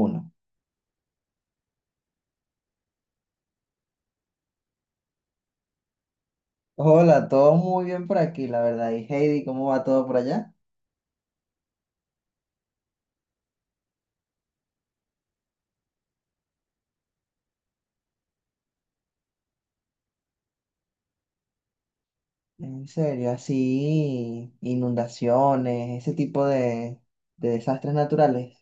Uno. Hola, todo muy bien por aquí, la verdad. Y Heidi, ¿cómo va todo por allá? En serio, así, inundaciones, ese tipo de desastres naturales.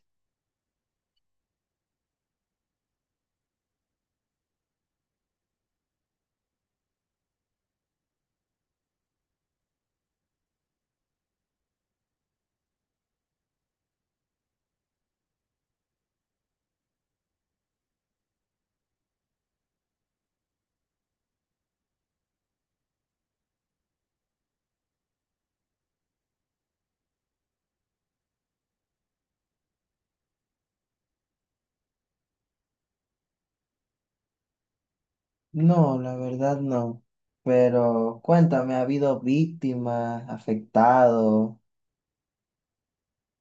No, la verdad no. Pero cuéntame, ¿ha habido víctimas, afectados?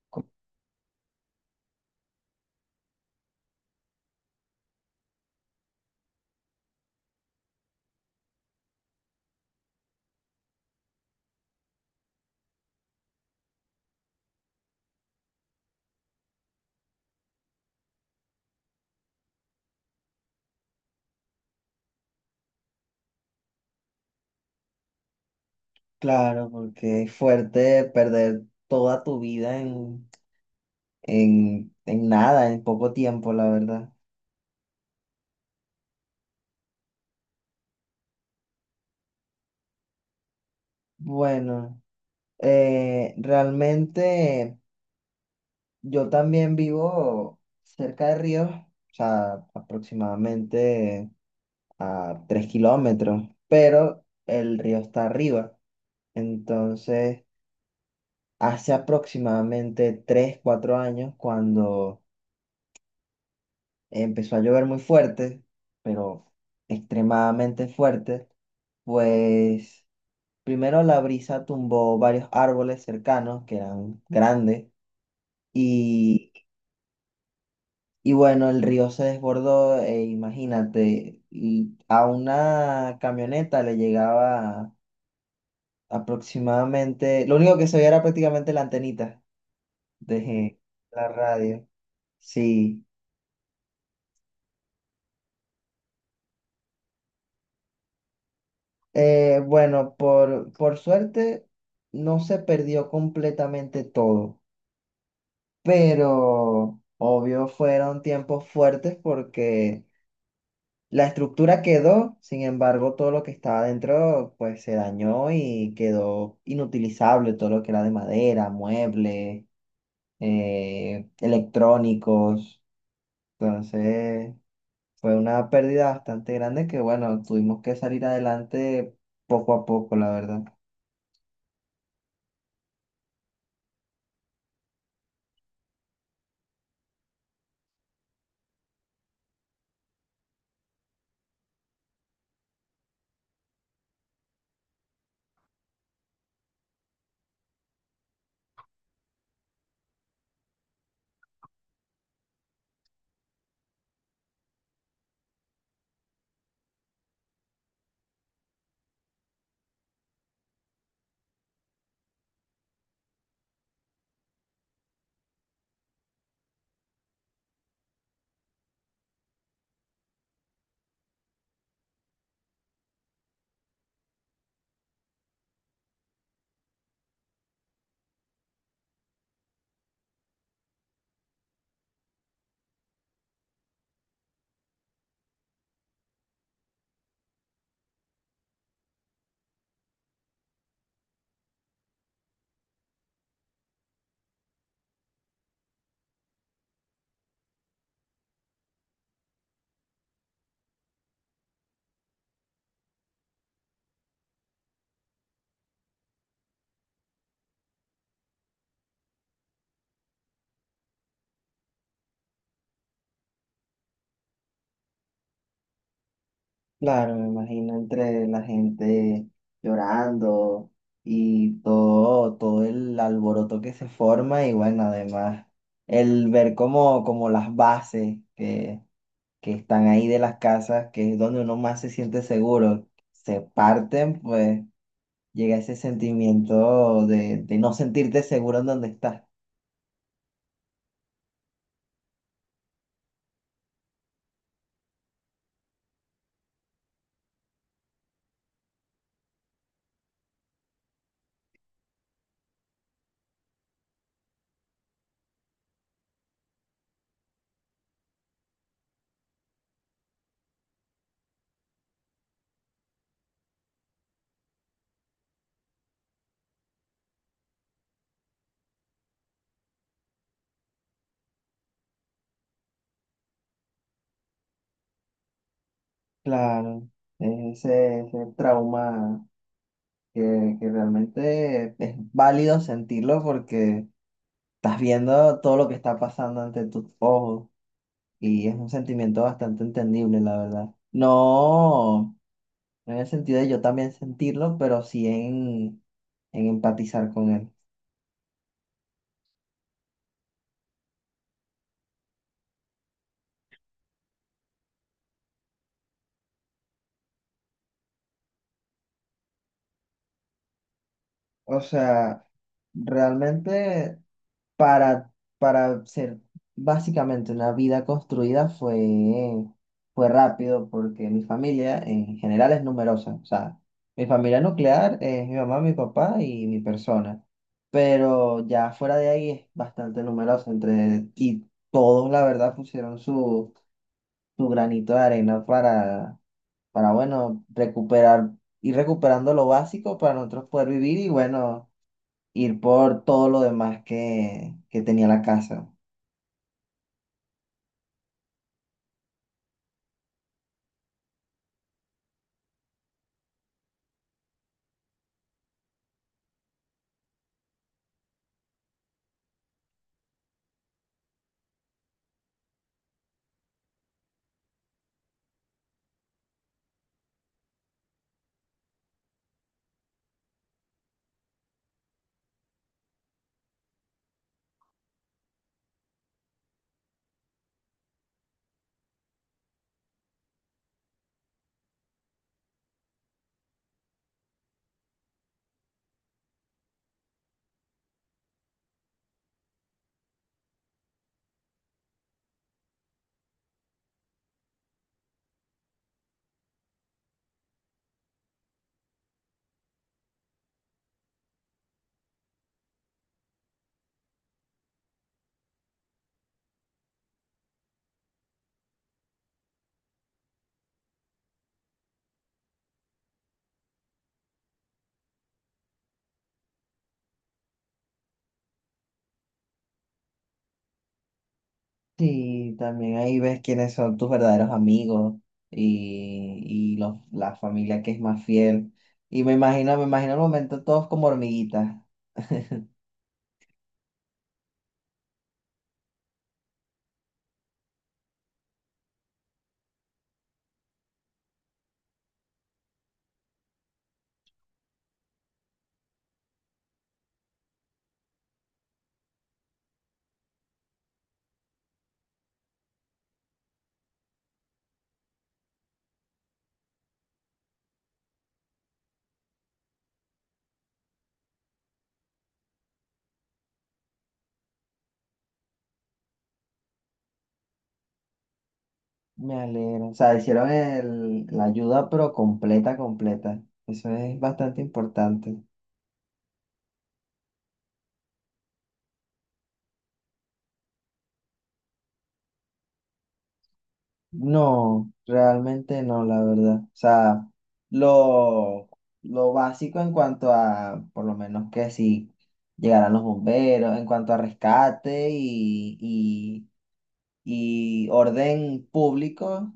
Co- Claro, porque es fuerte perder toda tu vida en nada, en poco tiempo, la verdad. Bueno, realmente. Yo también vivo cerca de ríos, o sea, aproximadamente a 3 kilómetros, pero el río está arriba. Entonces, hace aproximadamente 3, 4 años, cuando empezó a llover muy fuerte, pero extremadamente fuerte, pues primero la brisa tumbó varios árboles cercanos que eran grandes y Y bueno, el río se desbordó, e imagínate, y a una camioneta le llegaba aproximadamente, lo único que se veía era prácticamente la antenita de la radio. Sí. Bueno, por suerte no se perdió completamente todo, pero obvio fueron tiempos fuertes porque la estructura quedó, sin embargo, todo lo que estaba dentro pues se dañó y quedó inutilizable, todo lo que era de madera, muebles, electrónicos. Entonces fue una pérdida bastante grande que bueno, tuvimos que salir adelante poco a poco, la verdad. Claro, me imagino entre la gente llorando y todo, todo el alboroto que se forma y bueno, además el ver como, como las bases que están ahí de las casas, que es donde uno más se siente seguro, se parten, pues llega ese sentimiento de no sentirte seguro en donde estás. Claro, es ese trauma que realmente es válido sentirlo porque... Estás viendo todo lo que está pasando ante tus ojos y es un sentimiento bastante entendible, la verdad. No, no en el sentido de yo también sentirlo, pero sí en empatizar con él. O sea, realmente para, para ser básicamente una vida construida fue, fue rápido porque mi familia en general es numerosa. O sea, mi familia nuclear es mi mamá, mi papá y mi persona. Pero ya fuera de ahí es bastante numerosa entre, y todos, la verdad, pusieron su granito de arena para, bueno, recuperar, ir recuperando lo básico para nosotros poder vivir y, bueno, ir por todo lo demás que tenía la casa. Sí, también ahí ves quiénes son tus verdaderos amigos y, y los, la familia que es más fiel. Y me imagino el momento todos como hormiguitas. Me alegro. O sea, hicieron el, la ayuda, pero completa, completa. Eso es bastante importante. No, realmente no, la verdad. O sea, lo, lo básico en cuanto a, por lo menos que si llegaran los bomberos, en cuanto a rescate y orden público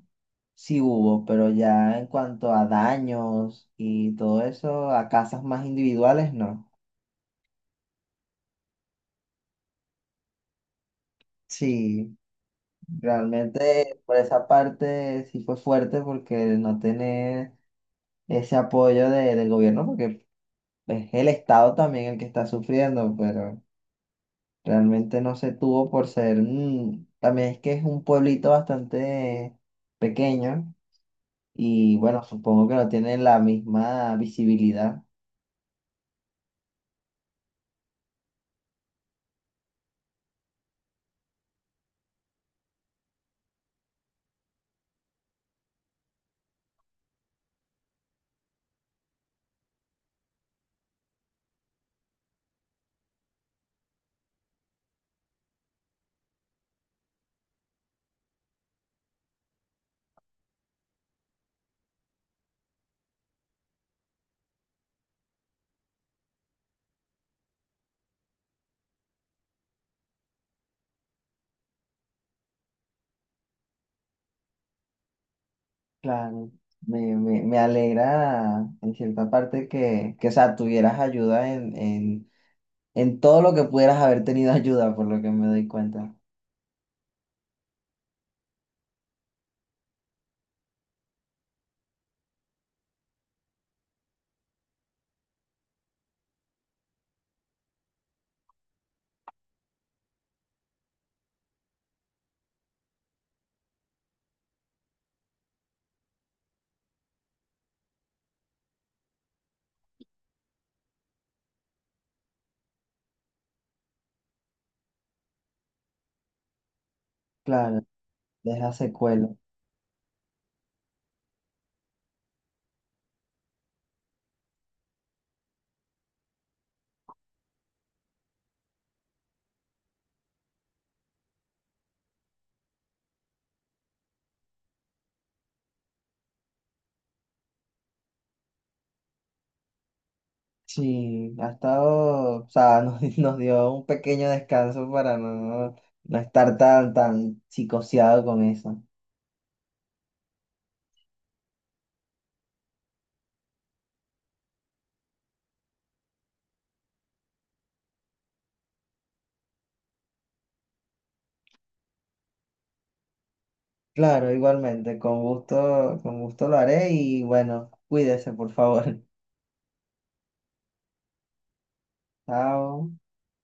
sí hubo, pero ya en cuanto a daños y todo eso, a casas más individuales, no. Sí, realmente por esa parte sí fue fuerte porque no tener ese apoyo de- del gobierno, porque es el Estado también el que está sufriendo, pero realmente no se tuvo por ser, también es que es un pueblito bastante pequeño y bueno, supongo que no tiene la misma visibilidad. Claro, me alegra en cierta parte o sea, tuvieras ayuda en todo lo que pudieras haber tenido ayuda, por lo que me doy cuenta. Claro, deja secuela. Sí, ha estado, o sea, nos, nos dio un pequeño descanso para no, no estar tan psicoseado con eso. Claro, igualmente, con gusto lo haré y bueno, cuídese, por favor. Chao.